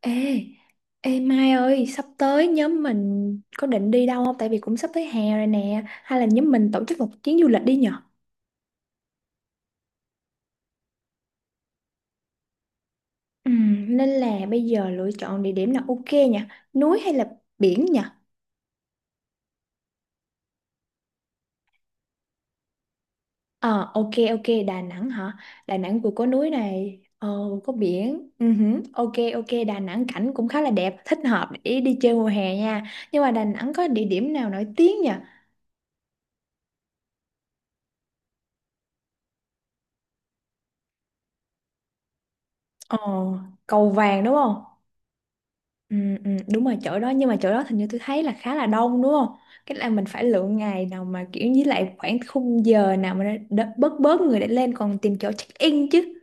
Ê, ê Mai ơi, sắp tới nhóm mình có định đi đâu không? Tại vì cũng sắp tới hè rồi nè. Hay là nhóm mình tổ chức một chuyến du lịch đi nhở? Ừ, nên là bây giờ lựa chọn địa điểm là ok nhỉ? Núi hay là biển nhỉ? Ờ, ok, ok, Đà Nẵng hả? Đà Nẵng vừa có núi này, có biển. Ừ, hử, ok, ok, Đà Nẵng cảnh cũng khá là đẹp, thích hợp để đi chơi mùa hè nha. Nhưng mà Đà Nẵng có địa điểm nào nổi tiếng nhỉ? Ờ, cầu vàng đúng không? Ừ, ừ, đúng rồi chỗ đó nhưng mà chỗ đó hình như tôi thấy là khá là đông đúng không? Cái là mình phải lựa ngày nào mà kiểu với lại khoảng khung giờ nào mà nó bớt bớt người để lên còn tìm chỗ check in chứ.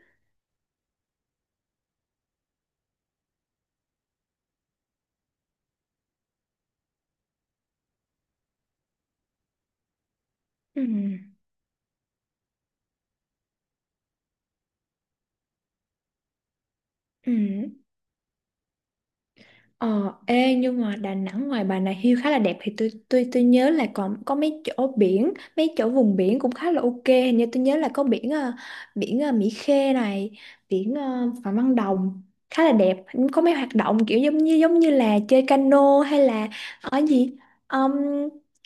Ừ. Ừ. Ờ, ê, nhưng mà Đà Nẵng ngoài Bà Nà Hills khá là đẹp thì tôi nhớ là còn có mấy chỗ biển, mấy chỗ vùng biển cũng khá là ok. Hình như tôi nhớ là có biển biển Mỹ Khê này, biển Phạm Văn Đồng khá là đẹp. Có mấy hoạt động kiểu giống như là chơi cano hay là ở gì. Ờm,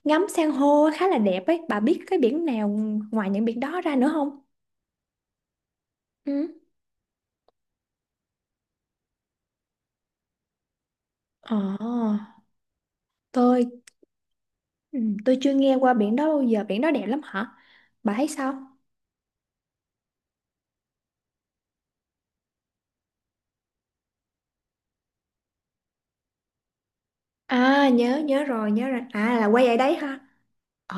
Ngắm san hô khá là đẹp ấy. Bà biết cái biển nào ngoài những biển đó ra nữa không? Ừ. Ờ, tôi ừ, tôi chưa nghe qua biển đó bao giờ. Biển đó đẹp lắm hả? Bà thấy sao? À, nhớ nhớ rồi, nhớ rồi, à là quay ở đấy ha. Ờ,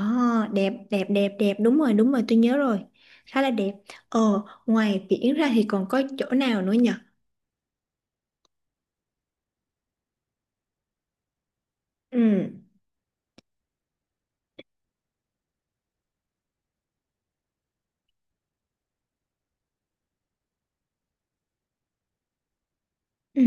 đẹp đẹp đẹp đẹp, đúng rồi đúng rồi, tôi nhớ rồi, khá là đẹp. ờ Ngoài biển ra thì còn có chỗ nào nữa nhỉ? ừ ừ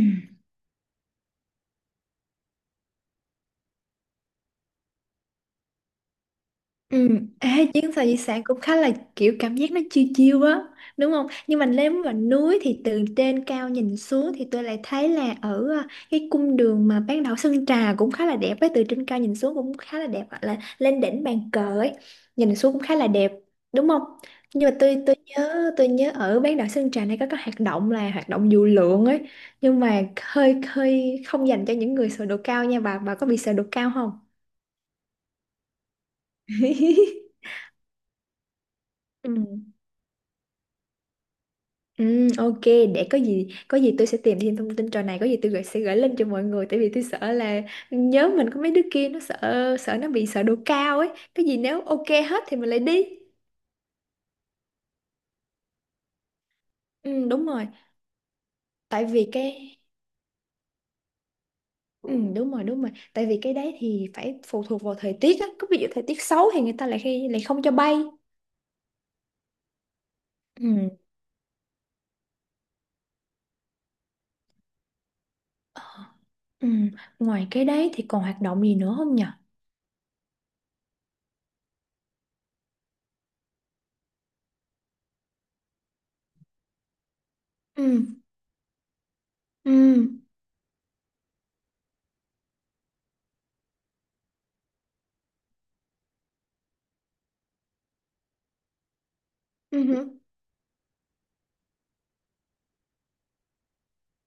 Ừ, ê, chuyến sao di sản cũng khá là kiểu cảm giác nó chiêu chiêu á, đúng không? Nhưng mà nếu mà núi thì từ trên cao nhìn xuống thì tôi lại thấy là ở à, cái cung đường mà bán đảo Sơn Trà cũng khá là đẹp ấy, từ trên cao nhìn xuống cũng khá là đẹp hoặc là lên đỉnh bàn cờ ấy, nhìn xuống cũng khá là đẹp, đúng không? Nhưng mà tôi nhớ, nhớ ở bán đảo Sơn Trà này có cái hoạt động là hoạt động dù lượn ấy, nhưng mà hơi hơi không dành cho những người sợ độ cao nha bà có bị sợ độ cao không? Ừ. Ừ, ok, để có gì tôi sẽ tìm thêm thông tin trò này, có gì tôi sẽ gửi lên cho mọi người, tại vì tôi sợ là nhớ mình có mấy đứa kia nó sợ sợ nó bị sợ độ cao ấy. Cái gì nếu ok hết thì mình lại đi. Ừ, đúng rồi tại vì cái ừ, đúng rồi tại vì cái đấy thì phải phụ thuộc vào thời tiết á, có ví dụ thời tiết xấu thì người ta lại khi lại không cho bay. Ừ, ừ. Ngoài cái đấy thì còn hoạt động gì nữa không nhỉ? Ừ, ừ, ừ.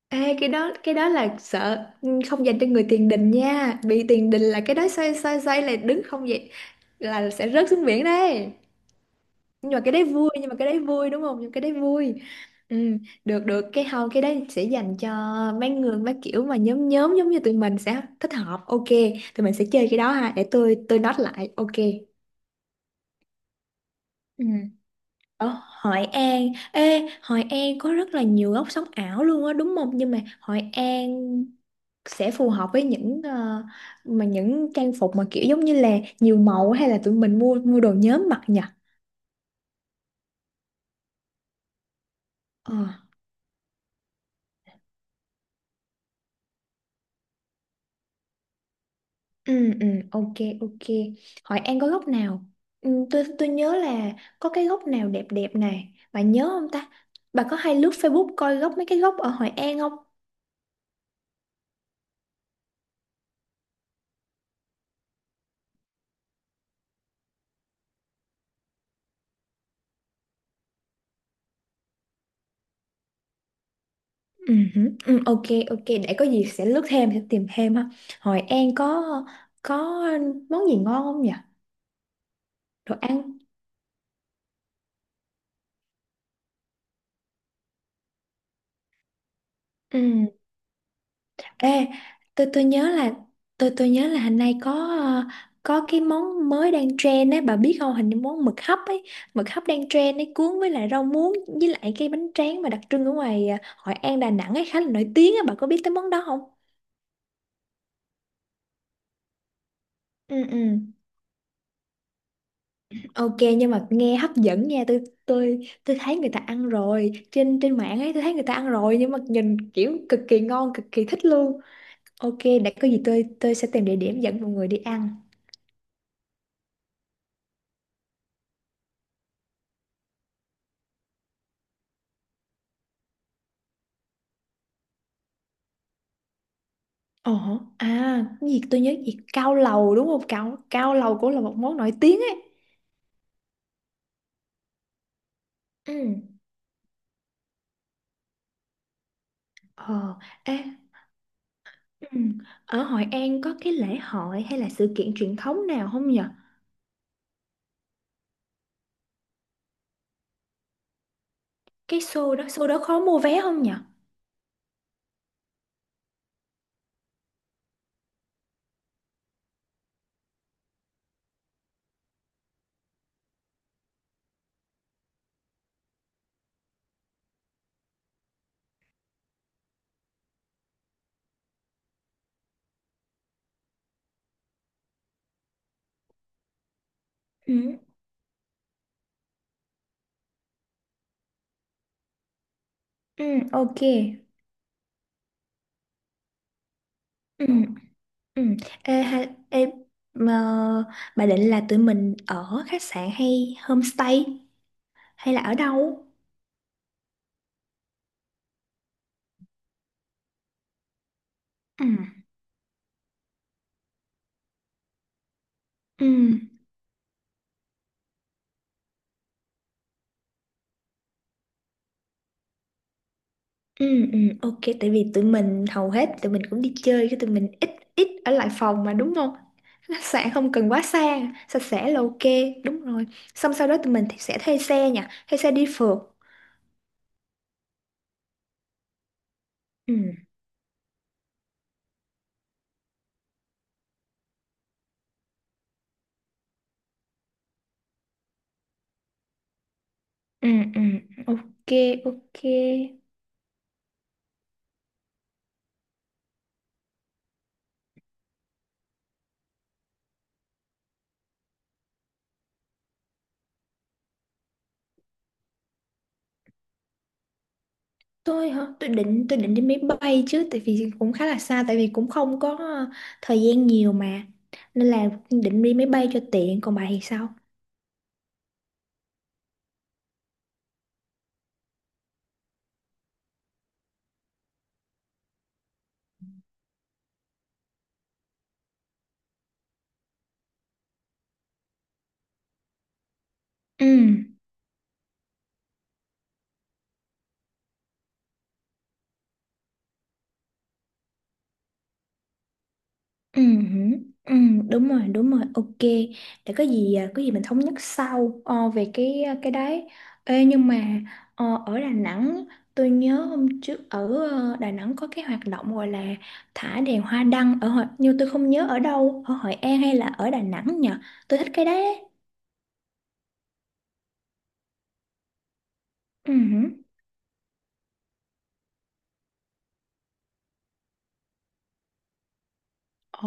Ê, cái đó là sợ, không dành cho người tiền đình nha, bị tiền đình là cái đó xoay xoay xoay là đứng không vậy là sẽ rớt xuống biển đấy. Nhưng mà cái đấy vui, nhưng mà cái đấy vui đúng không, nhưng cái đấy vui. Ừ, được được, cái không cái đấy sẽ dành cho mấy người mấy kiểu mà nhóm nhóm giống như tụi mình sẽ thích hợp, ok, tụi mình sẽ chơi cái đó ha, để tôi note lại, ok. Ừ. Ở Hội An, ê, Hội An có rất là nhiều góc sống ảo luôn á đúng không, nhưng mà Hội An sẽ phù hợp với những mà những trang phục mà kiểu giống như là nhiều màu, hay là tụi mình mua mua đồ nhóm mặc nhỉ? Ờ. Ừ ừ ok ok. Hội An có góc nào? Ừ, tôi nhớ là có cái góc nào đẹp đẹp này. Bà nhớ không ta? Bà có hay lướt Facebook coi góc mấy cái góc ở Hội An không? Ừ, hử, ừ, ok, ok, để có gì sẽ lướt thêm, sẽ tìm thêm ha. Hội An có có món gì ngon không nhỉ? Đồ ăn. Ừ. Ê, tôi nhớ là tôi nhớ là hình nay có ờ, có cái món mới đang trend ấy, bà biết không? Hình như món mực hấp ấy, mực hấp đang trend ấy cuốn với lại rau muống với lại cái bánh tráng mà đặc trưng ở ngoài Hội An Đà Nẵng ấy khá là nổi tiếng á, bà có biết tới món đó không? Ừ ừ. Ok nhưng mà nghe hấp dẫn nha, tôi thấy người ta ăn rồi, trên trên mạng ấy tôi thấy người ta ăn rồi nhưng mà nhìn kiểu cực kỳ ngon, cực kỳ thích luôn. Ok, để có gì tôi sẽ tìm địa điểm dẫn mọi người đi ăn. Ồ, à, cái gì tôi nhớ gì, cao lầu đúng không? Cao cao lầu cũng là một món nổi tiếng ấy. Ừ. Ờ, ê, ừ. Ở Hội An có cái lễ hội hay là sự kiện truyền thống nào không nhở? Cái show đó khó mua vé không nhở? Ừ. Ừ, ok. Ừ, ừ. Ê, hay, ê, mà bà định là tụi mình ở khách sạn hay homestay hay là ở đâu? Ừ. Ừ. Ừ, ừ, ok, tại vì tụi mình hầu hết tụi mình cũng đi chơi, cái tụi mình ít ít ở lại phòng mà đúng không? Khách sạn không cần quá xa, sạch sẽ là ok, đúng rồi. Xong sau đó tụi mình thì sẽ thuê xe nha, thuê xe đi phượt. Ừ, ừ, ừ, ok, ok. Tôi hả? Tôi định đi máy bay chứ, tại vì cũng khá là xa, tại vì cũng không có thời gian nhiều mà, nên là định đi máy bay cho tiện. Còn bà thì sao? Ừ. Ừ, hử, ừ, đúng rồi đúng rồi, ok, để có gì mình thống nhất sau về cái cái đấy. Ê, nhưng mà ở Đà Nẵng tôi nhớ hôm trước ở Đà Nẵng có cái hoạt động gọi là thả đèn hoa đăng ở Hội, nhưng tôi không nhớ ở đâu, ở Hội An hay là ở Đà Nẵng nhỉ, tôi thích cái đấy ấy. Ừ, hử. Ờ,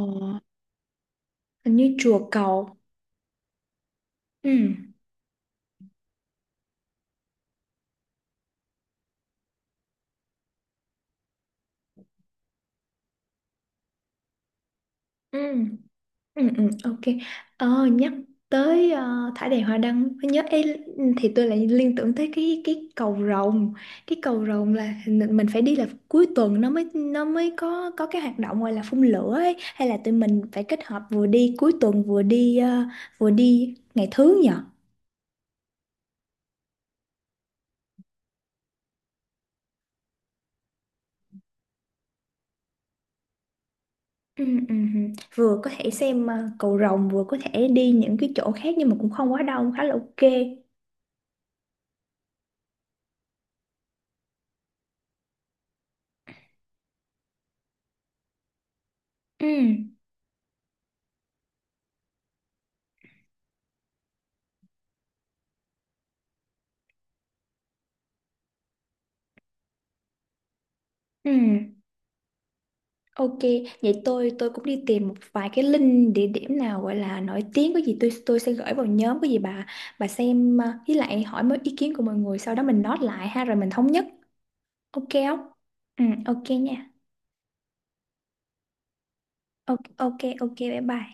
hình như chùa cầu. Ừ, ừ. Ừ, ừ, ok. Ờ, nhắc tới thải đàn hoa đăng mới nhớ ấy, thì tôi lại liên tưởng tới cái cầu rồng. Cái cầu rồng là mình phải đi là cuối tuần, nó mới có cái hoạt động gọi là phun lửa ấy, hay là tụi mình phải kết hợp vừa đi cuối tuần vừa đi vừa đi ngày thứ nhỉ? Ừ, ừ, ừ. Vừa có thể xem cầu rồng vừa có thể đi những cái chỗ khác nhưng mà cũng không quá đông, khá là ok. Ừ, ừ. Ok, vậy tôi cũng đi tìm một vài cái link địa điểm nào gọi là nổi tiếng, có gì tôi sẽ gửi vào nhóm, có gì bà xem với lại hỏi mấy ý kiến của mọi người sau đó mình note lại ha rồi mình thống nhất. Ok không? Ừ ok nha. Ok ok ok bye bye.